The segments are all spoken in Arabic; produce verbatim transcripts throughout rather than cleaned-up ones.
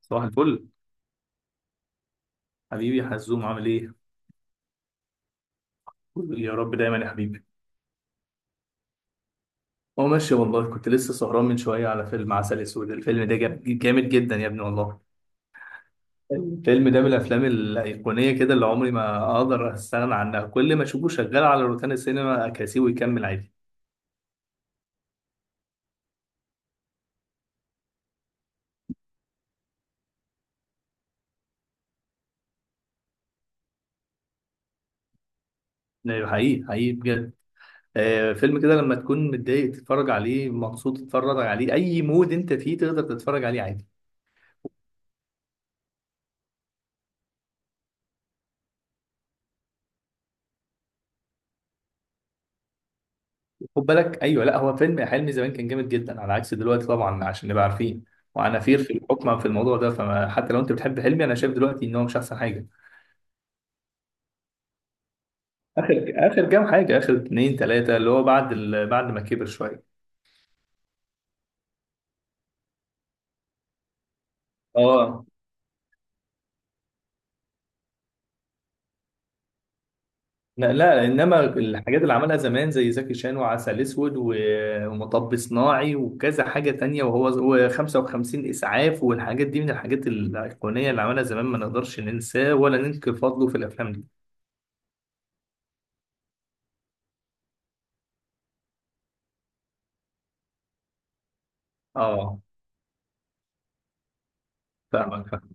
صباح الفل. حبيبي يا حزوم، عامل ايه؟ قول يا رب دايما يا حبيبي. هو ماشي والله، كنت لسه سهران من شويه على فيلم عسل اسود. الفيلم ده جاب- جامد جدا يا ابني والله. الفيلم ده من الافلام الايقونيه كده، اللي عمري ما اقدر استغنى عنها، كل ما اشوفه شغال على روتانا السينما اكاسيه ويكمل عادي. لا، حقيقي حقيقي بجد. آه، فيلم كده لما تكون متضايق تتفرج عليه، مبسوط تتفرج عليه، اي مود انت فيه تقدر تتفرج عليه عادي. خد بالك، ايوه، لا هو فيلم حلمي زمان كان جامد جدا على عكس دلوقتي طبعا عشان نبقى عارفين. وعنافير في الحكم في الموضوع ده، فما حتى لو انت بتحب حلمي انا شايف دلوقتي ان هو مش احسن حاجه. اخر اخر كام حاجه، اخر اتنين تلاته، اللي هو بعد ال... بعد ما كبر شويه. اه، لا لا، انما الحاجات اللي عملها زمان زي زكي شان وعسل اسود و- ومطب صناعي وكذا حاجه تانية، وهو هو خمسة وخمسين اسعاف، والحاجات دي من الحاجات الايقونيه اللي عملها زمان، ما نقدرش ننساه ولا ننكر فضله في الافلام دي. اه، فاهمك فاهمك.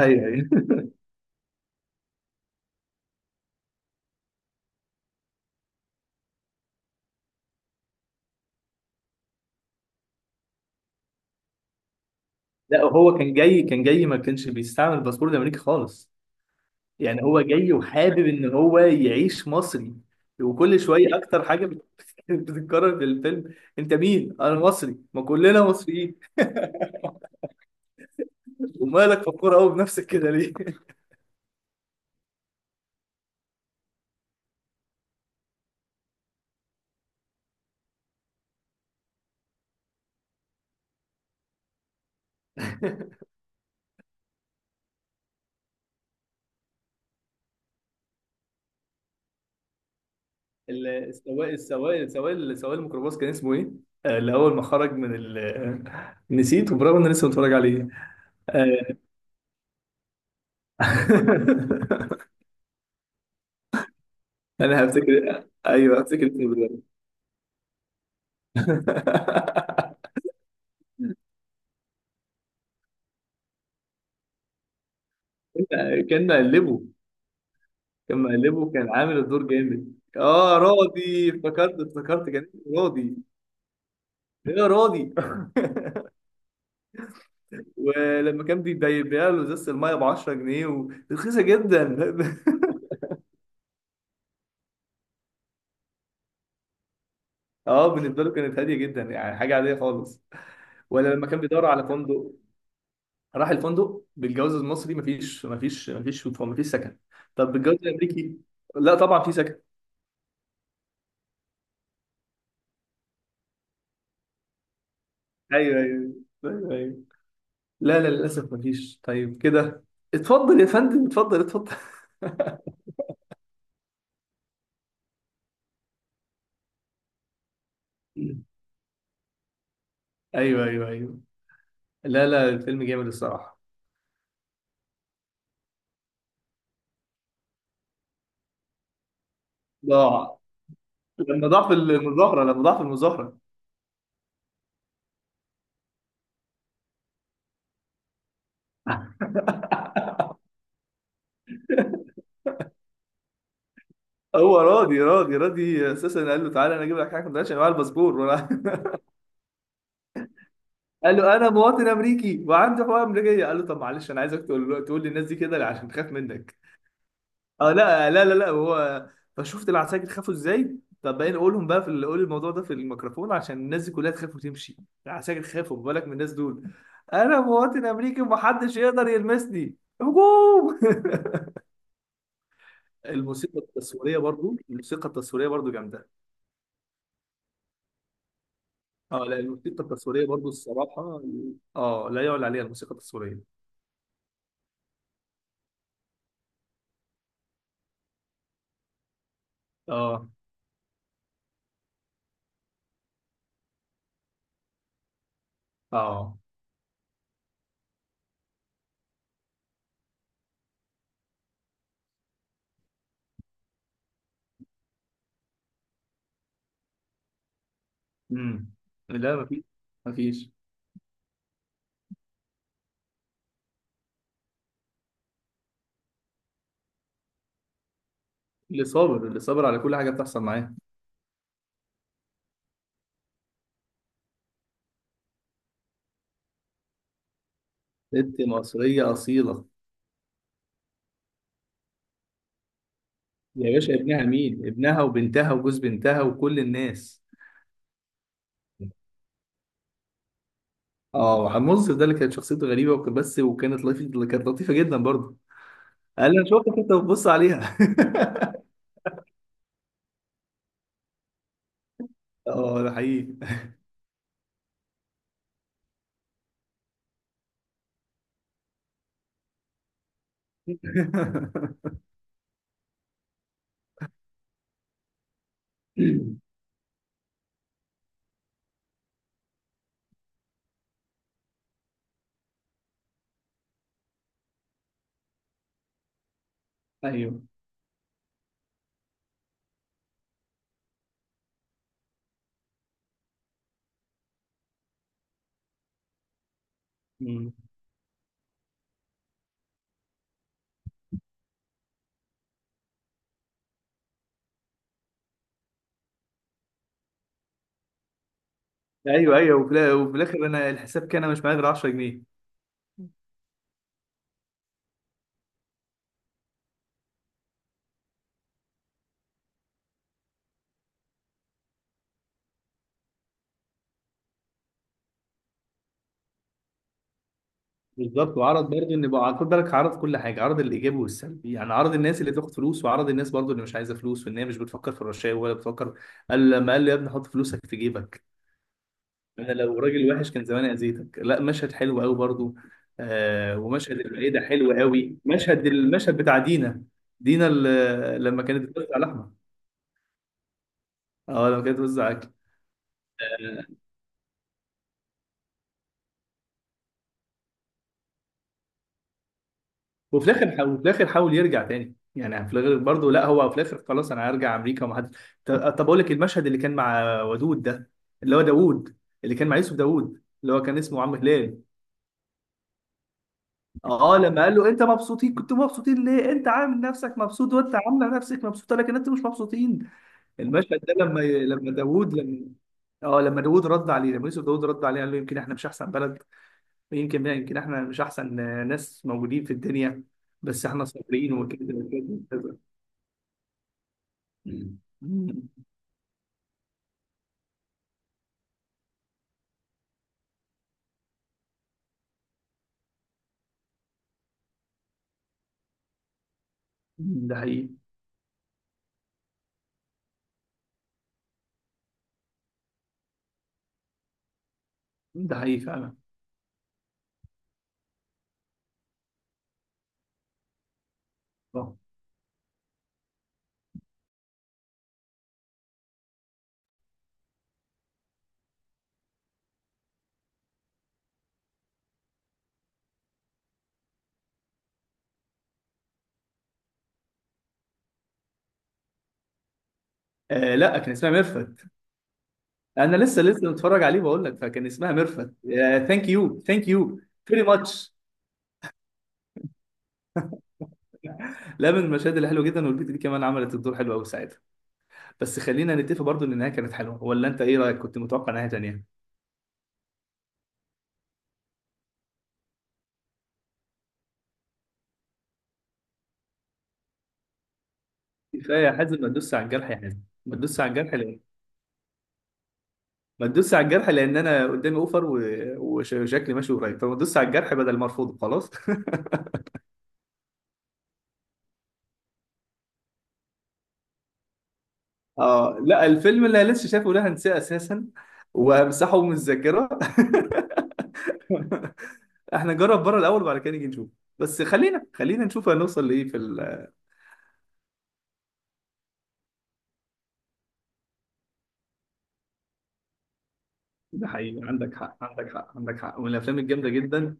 ايوه ايوه، لا هو كان جاي كان جاي ما كانش بيستعمل الباسبور الامريكي خالص. يعني هو جاي وحابب ان هو يعيش مصري. وكل شويه اكتر حاجه بت- بتتكرر في الفيلم: انت مين؟ انا مصري، ما كلنا مصريين. ومالك فخور قوي بنفسك كده ليه؟ ال- السواق السواق السواق سواق الميكروباص كان اسمه ايه؟ آه، اللي هو ما خرج من ال نسيت، وبرغم ان انا لسه متفرج عليه. آه. انا هفتكر، ايوه هفتكر اسمه دلوقتي. كان مقلبه كان مقلبه كان عامل الدور جامد. اه راضي، افتكرت افتكرت كان اسمه راضي. ايه يا راضي؟ ولما كان بيبيع له ازازه الميه ب عشرة جنيه، ورخيصه جدا. اه، بالنسبه له كانت هاديه جدا، يعني حاجه عاديه خالص. ولا لما كان بيدور على فندق، راح الفندق بالجواز المصري: مفيش مفيش مفيش مفيش سكن. طب بالجواز الامريكي، لا طبعا في سكن. ايوه ايوه ايوه، أيوة. لا لا، للاسف مفيش. طيب كده، اتفضل يا فندم، اتفضل اتفضل. ايوه ايوه ايوه. لا لا، الفيلم جامد الصراحه. ضاع، لما ضاع في المظاهره لما ضاع في المظاهره. هو راضي راضي راضي اساسا قال له: تعالى انا اجيب لك حاجه، ما تقولش معايا الباسبور ولا. قال له: انا مواطن امريكي وعندي حقوق امريكيه. قال له: طب معلش، انا عايزك تقول تقول للناس دي كده عشان تخاف منك. اه لا لا لا لا، هو فشفت العساكر خافوا ازاي. طب بقى نقولهم بقى في ال- قول الموضوع ده في الميكروفون، عشان الناس دي كلها تخاف وتمشي. العساكر خافوا، ما بالك من الناس دول. انا مواطن امريكي ومحدش يقدر يلمسني، هجوم. الموسيقى التصويريه برضو، الموسيقى التصويريه برضو جامده. اه لا، الموسيقى التصويريه برضو الصراحه. اه لا، يعلى عليها الموسيقى التصويريه. اه، اه، امم، لا مفيش، مفيش. اللي صابر اللي صابر على كل حاجه بتحصل معاه. ست مصريه اصيله. يا باشا، ابنها مين، ابنها وبنتها وجوز بنتها وكل الناس. اه، وحمد منصف ده اللي كانت شخصيته غريبه، وكان بس، وكانت لطيفه، اللي كانت لطيفه جدا برضه. قال لي: انا شفتك انت بتبص عليها. اه ده حقيقي. ايوه، مم. ايوه ايوه، وفي الآ- وفي الاخر انا الحساب كان، انا مش معايا غير عشر جنيه. بالظبط، وعرض برضه، ان بقى خد بالك، عرض كل حاجه، عرض الايجابي والسلبي، يعني عرض الناس اللي بتاخد فلوس وعرض الناس برضه اللي مش عايزه فلوس وان هي مش بتفكر في الرشاوي ولا بتفكر. قال لما قال لي: يا ابني حط فلوسك في جيبك، انا لو راجل وحش كان زمان اذيتك. لا مشهد حلو قوي برضه. آه، ومشهد العيله حلو قوي، مشهد المشهد بتاع دينا. دينا، ال- لما كانت بتوزع لحمه، اه لما كانت بتوزع اكل. وفي الاخر حاول وفي الاخر حاول يرجع تاني، يعني في الاخر برضه، لا هو في الاخر خلاص انا هرجع امريكا ومحدش. ط- طب اقول لك: المشهد اللي كان مع ودود ده، اللي هو داوود، اللي كان مع يوسف داوود اللي هو كان اسمه عم هلال. اه، لما قال له: انت مبسوطين، كنتوا مبسوطين ليه؟ انت عامل نفسك مبسوط، وانت عامله نفسك مبسوطه، لكن انتوا مش مبسوطين. المشهد ده لما لما داوود لما اه لما داوود رد عليه، لما يوسف داوود رد عليه قال له: يمكن احنا مش احسن بلد، يمكن يمكن احنا مش احسن ناس موجودين في الدنيا، بس احنا صابرين وكده وكده وكده. مم. مم. ده حقيقي، ده حقيقي فعلا. آه آه، لا كان اسمها ميرفت. انا لسه لسه متفرج عليه بقول لك، فكان اسمها ميرفت. ثانك يو ثانك يو، فيري ماتش. لا، من المشاهد اللي حلوه جدا، والبت دي كمان عملت الدور حلو قوي ساعتها. بس خلينا نتفق برضو ان النهايه كانت حلوه، ولا انت ايه رايك؟ كنت متوقع نهايه تانيه. كفايه يا حازم، ما تدوس على الجرح يا حازم. ما تدوس على الجرح ليه؟ ما تدوس على الجرح، لان انا قدامي اوفر و- وش- وشكلي ماشي قريب، فما تدوس على الجرح بدل ما ارفضه خلاص. اه لا، الفيلم اللي أنا لسه شايفه ده هنساه اساسا، وهمسحه من الذاكره. احنا نجرب بره الاول وبعد كده نيجي نشوف. بس خلينا خلينا نشوف هنوصل لايه في ال... ده حقيقي، عندك حق عندك حق عندك حق، من الافلام الجامده جدا.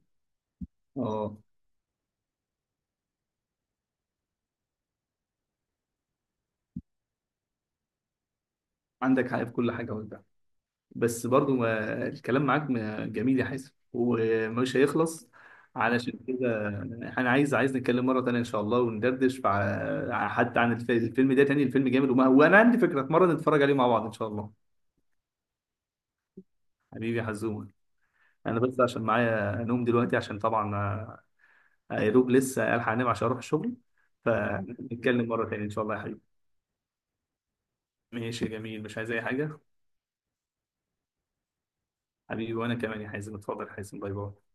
اه، عندك حق في كل حاجه. وانت بس برضو ما... الكلام معاك ما- جميل يا حازم، ومش هيخلص. علشان كده انا عايز عايز نتكلم مره تانية ان شاء الله، وندردش فع- حتى عن الف- الفيلم ده تاني، الفيلم جامد. وما... وانا عندي فكره في مره نتفرج عليه مع بعض ان شاء الله. حبيبي يا حزومة، أنا بس عشان معايا نوم دلوقتي عشان طبعا، آه، يا دوب لسه ألحق أنام عشان أروح الشغل، فنتكلم مرة تانية إن شاء الله يا حبيبي. ماشي يا جميل، مش عايز أي حاجة. حبيبي وأنا كمان يا حازم، اتفضل يا حازم، باي باي.